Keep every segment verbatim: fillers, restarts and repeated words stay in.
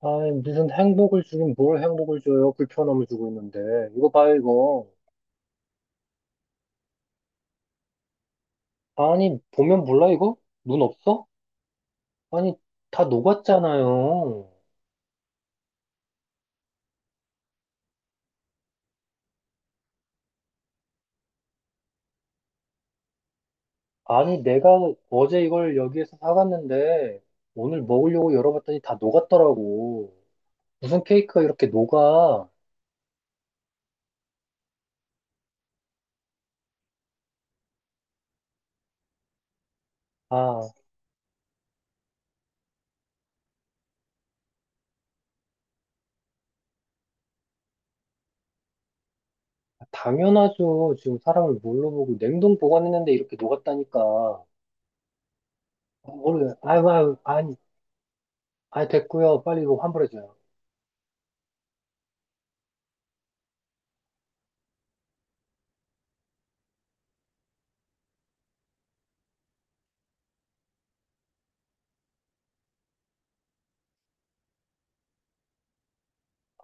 아, 무슨 행복을 주긴 뭘 행복을 줘요? 불편함을 주고 있는데. 이거 봐요, 이거. 아니, 보면 몰라, 이거? 눈 없어? 아니, 다 녹았잖아요. 아니, 내가 어제 이걸 여기에서 사갔는데, 오늘 먹으려고 열어봤더니 다 녹았더라고. 무슨 케이크가 이렇게 녹아? 아, 당연하죠. 지금 사람을 뭘로 보고 냉동 보관했는데 이렇게 녹았다니까. 아, 모르겠 아유, 아유, 아니, 아니, 됐고요. 빨리 이거 환불해줘요.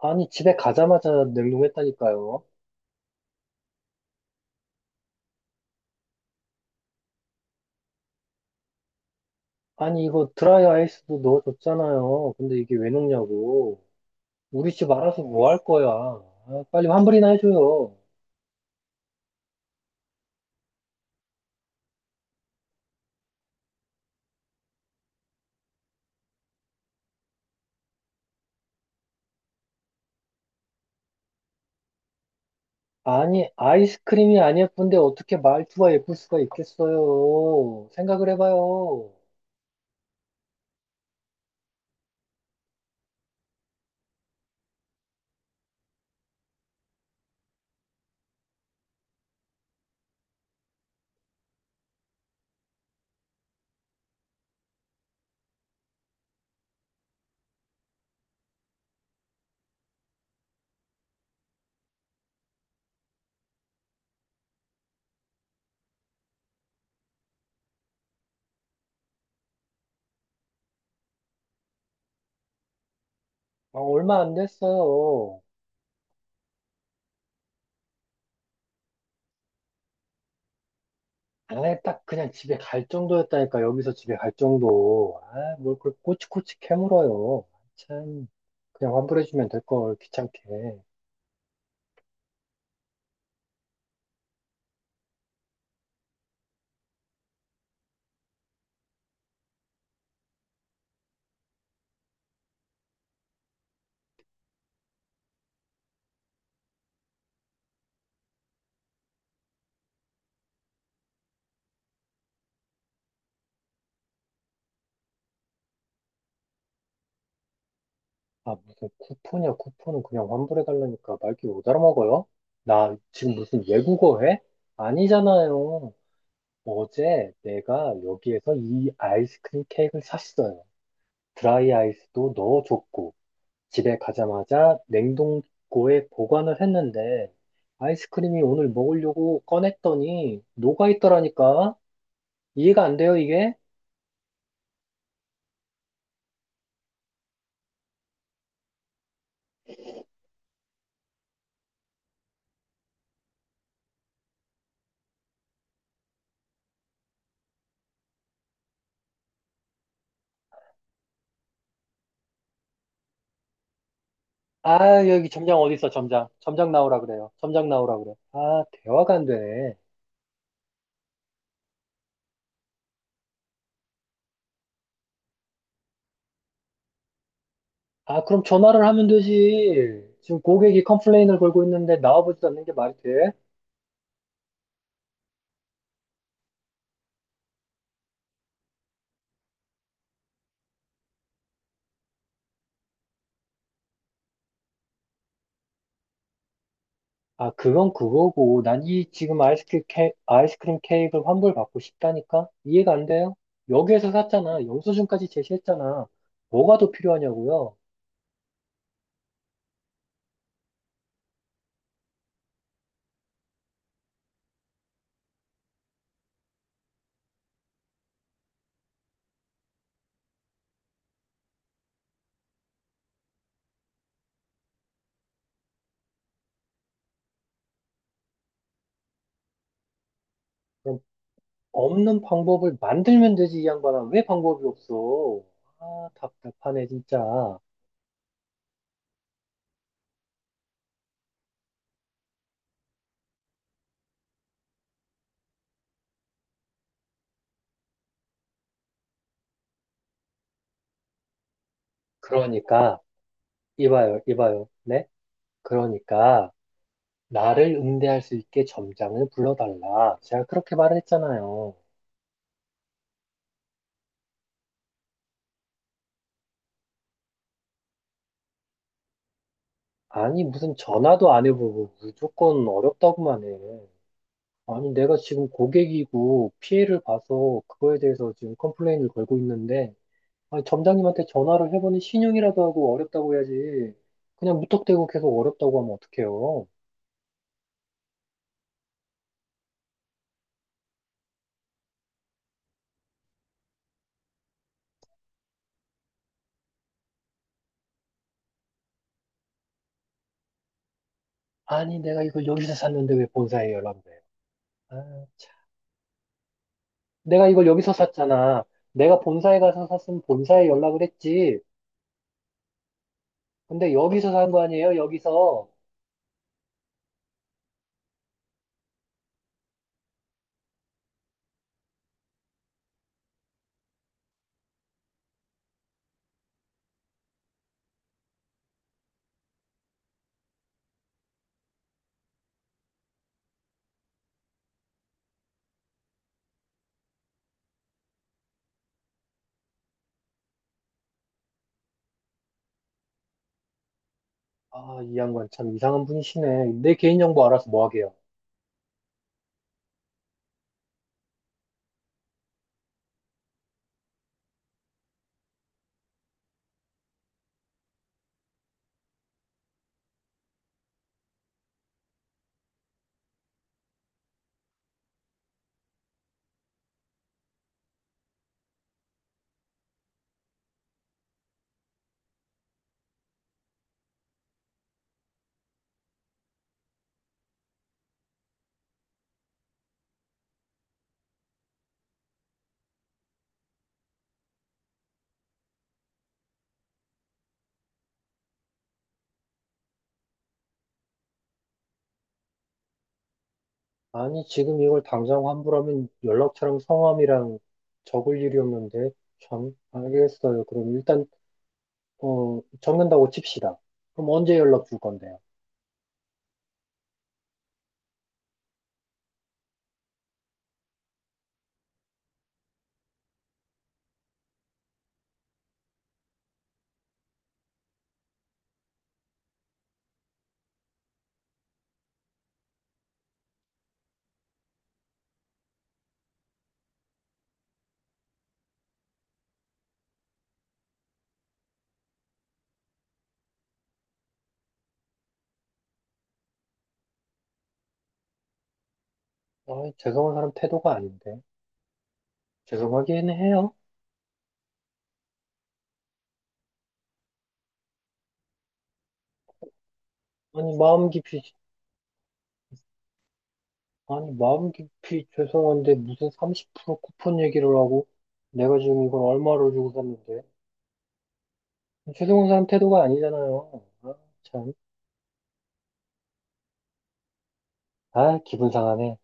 아니, 집에 가자마자 냉동했다니까요. 아니, 이거 드라이 아이스도 넣어줬잖아요. 근데 이게 왜 넣냐고. 우리 집 알아서 뭐 할 거야. 아, 빨리 환불이나 해줘요. 아니, 아이스크림이 안 예쁜데 어떻게 말투가 예쁠 수가 있겠어요. 생각을 해봐요. 아, 얼마 안 됐어요. 아예 딱 그냥 집에 갈 정도였다니까, 여기서 집에 갈 정도. 아, 뭘 그걸 꼬치꼬치 캐물어요. 참, 그냥 환불해주면 될 걸, 귀찮게. 아, 무슨 쿠폰이야, 쿠폰은 그냥 환불해달라니까 말귀 못 알아먹어요? 나 지금 무슨 외국어 해? 아니잖아요. 어제 내가 여기에서 이 아이스크림 케이크를 샀어요. 드라이 아이스도 넣어줬고, 집에 가자마자 냉동고에 보관을 했는데, 아이스크림이 오늘 먹으려고 꺼냈더니 녹아있더라니까? 이해가 안 돼요, 이게? 아, 여기 점장 어디 있어, 점장. 점장 나오라 그래요. 점장 나오라 그래. 아, 대화가 안 되네. 아, 그럼 전화를 하면 되지. 지금 고객이 컴플레인을 걸고 있는데 나와보지도 않는 게 말이 돼? 아, 그건 그거고. 난 이 지금 아이스크림, 케, 아이스크림 케이크를 환불받고 싶다니까? 이해가 안 돼요? 여기에서 샀잖아. 영수증까지 제시했잖아. 뭐가 더 필요하냐고요? 그럼 없는 방법을 만들면 되지, 이 양반아. 왜 방법이 없어? 아, 답답하네, 진짜. 그러니까, 이봐요, 이봐요. 네? 그러니까. 나를 응대할 수 있게 점장을 불러달라. 제가 그렇게 말을 했잖아요. 아니, 무슨 전화도 안 해보고 무조건 어렵다고만 해. 아니, 내가 지금 고객이고 피해를 봐서 그거에 대해서 지금 컴플레인을 걸고 있는데, 아니, 점장님한테 전화를 해보니 신용이라도 하고 어렵다고 해야지. 그냥 무턱대고 계속 어렵다고 하면 어떡해요? 아니, 내가 이걸 여기서 샀는데 왜 본사에 연락을 해요? 아, 참. 내가 이걸 여기서 샀잖아. 내가 본사에 가서 샀으면 본사에 연락을 했지. 근데 여기서 산 거 아니에요? 여기서. 아, 이 양반 참 이상한 분이시네. 내 개인정보 알아서 뭐 하게요? 아니, 지금 이걸 당장 환불하면 연락처랑 성함이랑 적을 일이 없는데. 참, 알겠어요. 그럼 일단, 어, 적는다고 칩시다. 그럼 언제 연락 줄 건데요? 아, 죄송한 사람 태도가 아닌데. 죄송하긴 해요. 아니, 마음 깊이, 아니, 마음 깊이 죄송한데 무슨 삼십 퍼센트 쿠폰 얘기를 하고 내가 지금 이걸 얼마로 주고 샀는데. 최승훈 사람 태도가 아니잖아요. 아, 참. 아, 기분 상하네.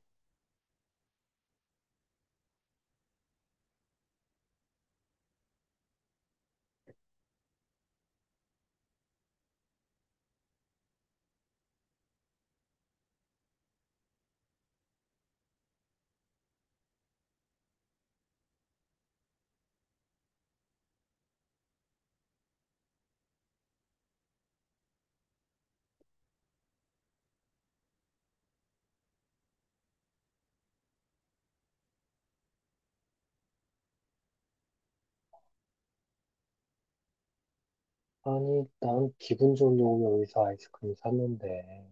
아니, 난 기분 좋으려고 여기서 아이스크림 샀는데,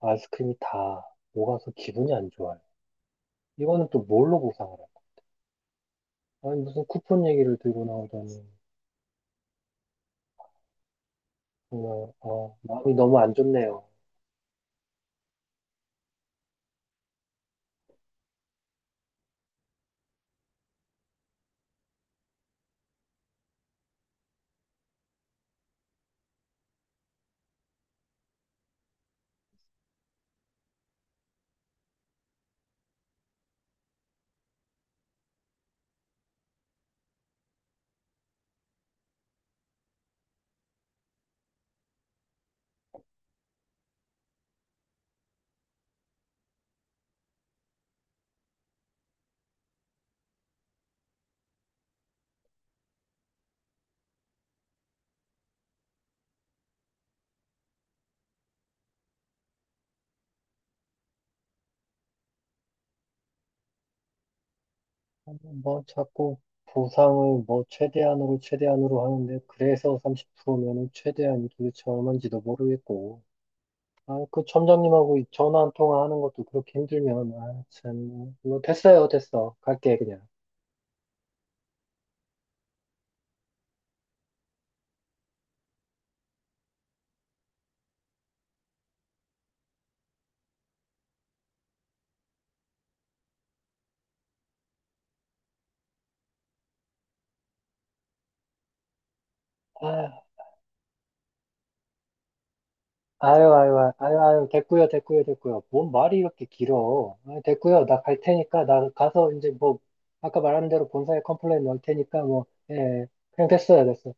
아이스크림이 다 녹아서 기분이 안 좋아요. 이거는 또 뭘로 보상을 할까? 아니, 무슨 쿠폰 얘기를 들고 나오다니. 정말, 어, 마음이 너무 안 좋네요. 아니, 뭐, 자꾸 보상을 뭐, 최대한으로, 최대한으로 하는데, 그래서 삼십 퍼센트면은 최대한이 도대체 얼마인지도 모르겠고. 아, 그 점장님하고 이 전화 한 통화하는 것도 그렇게 힘들면, 아, 참. 뭐, 됐어요, 됐어. 갈게, 그냥. 아, 아유, 아유, 아유, 아유, 아유, 됐고요, 됐고요, 됐고요. 뭔 말이 이렇게 길어. 아, 됐고요, 나 갈 테니까, 나 가서 이제 뭐, 아까 말한 대로 본사에 컴플레인 넣을 테니까, 뭐, 예, 그냥 됐어요, 됐어.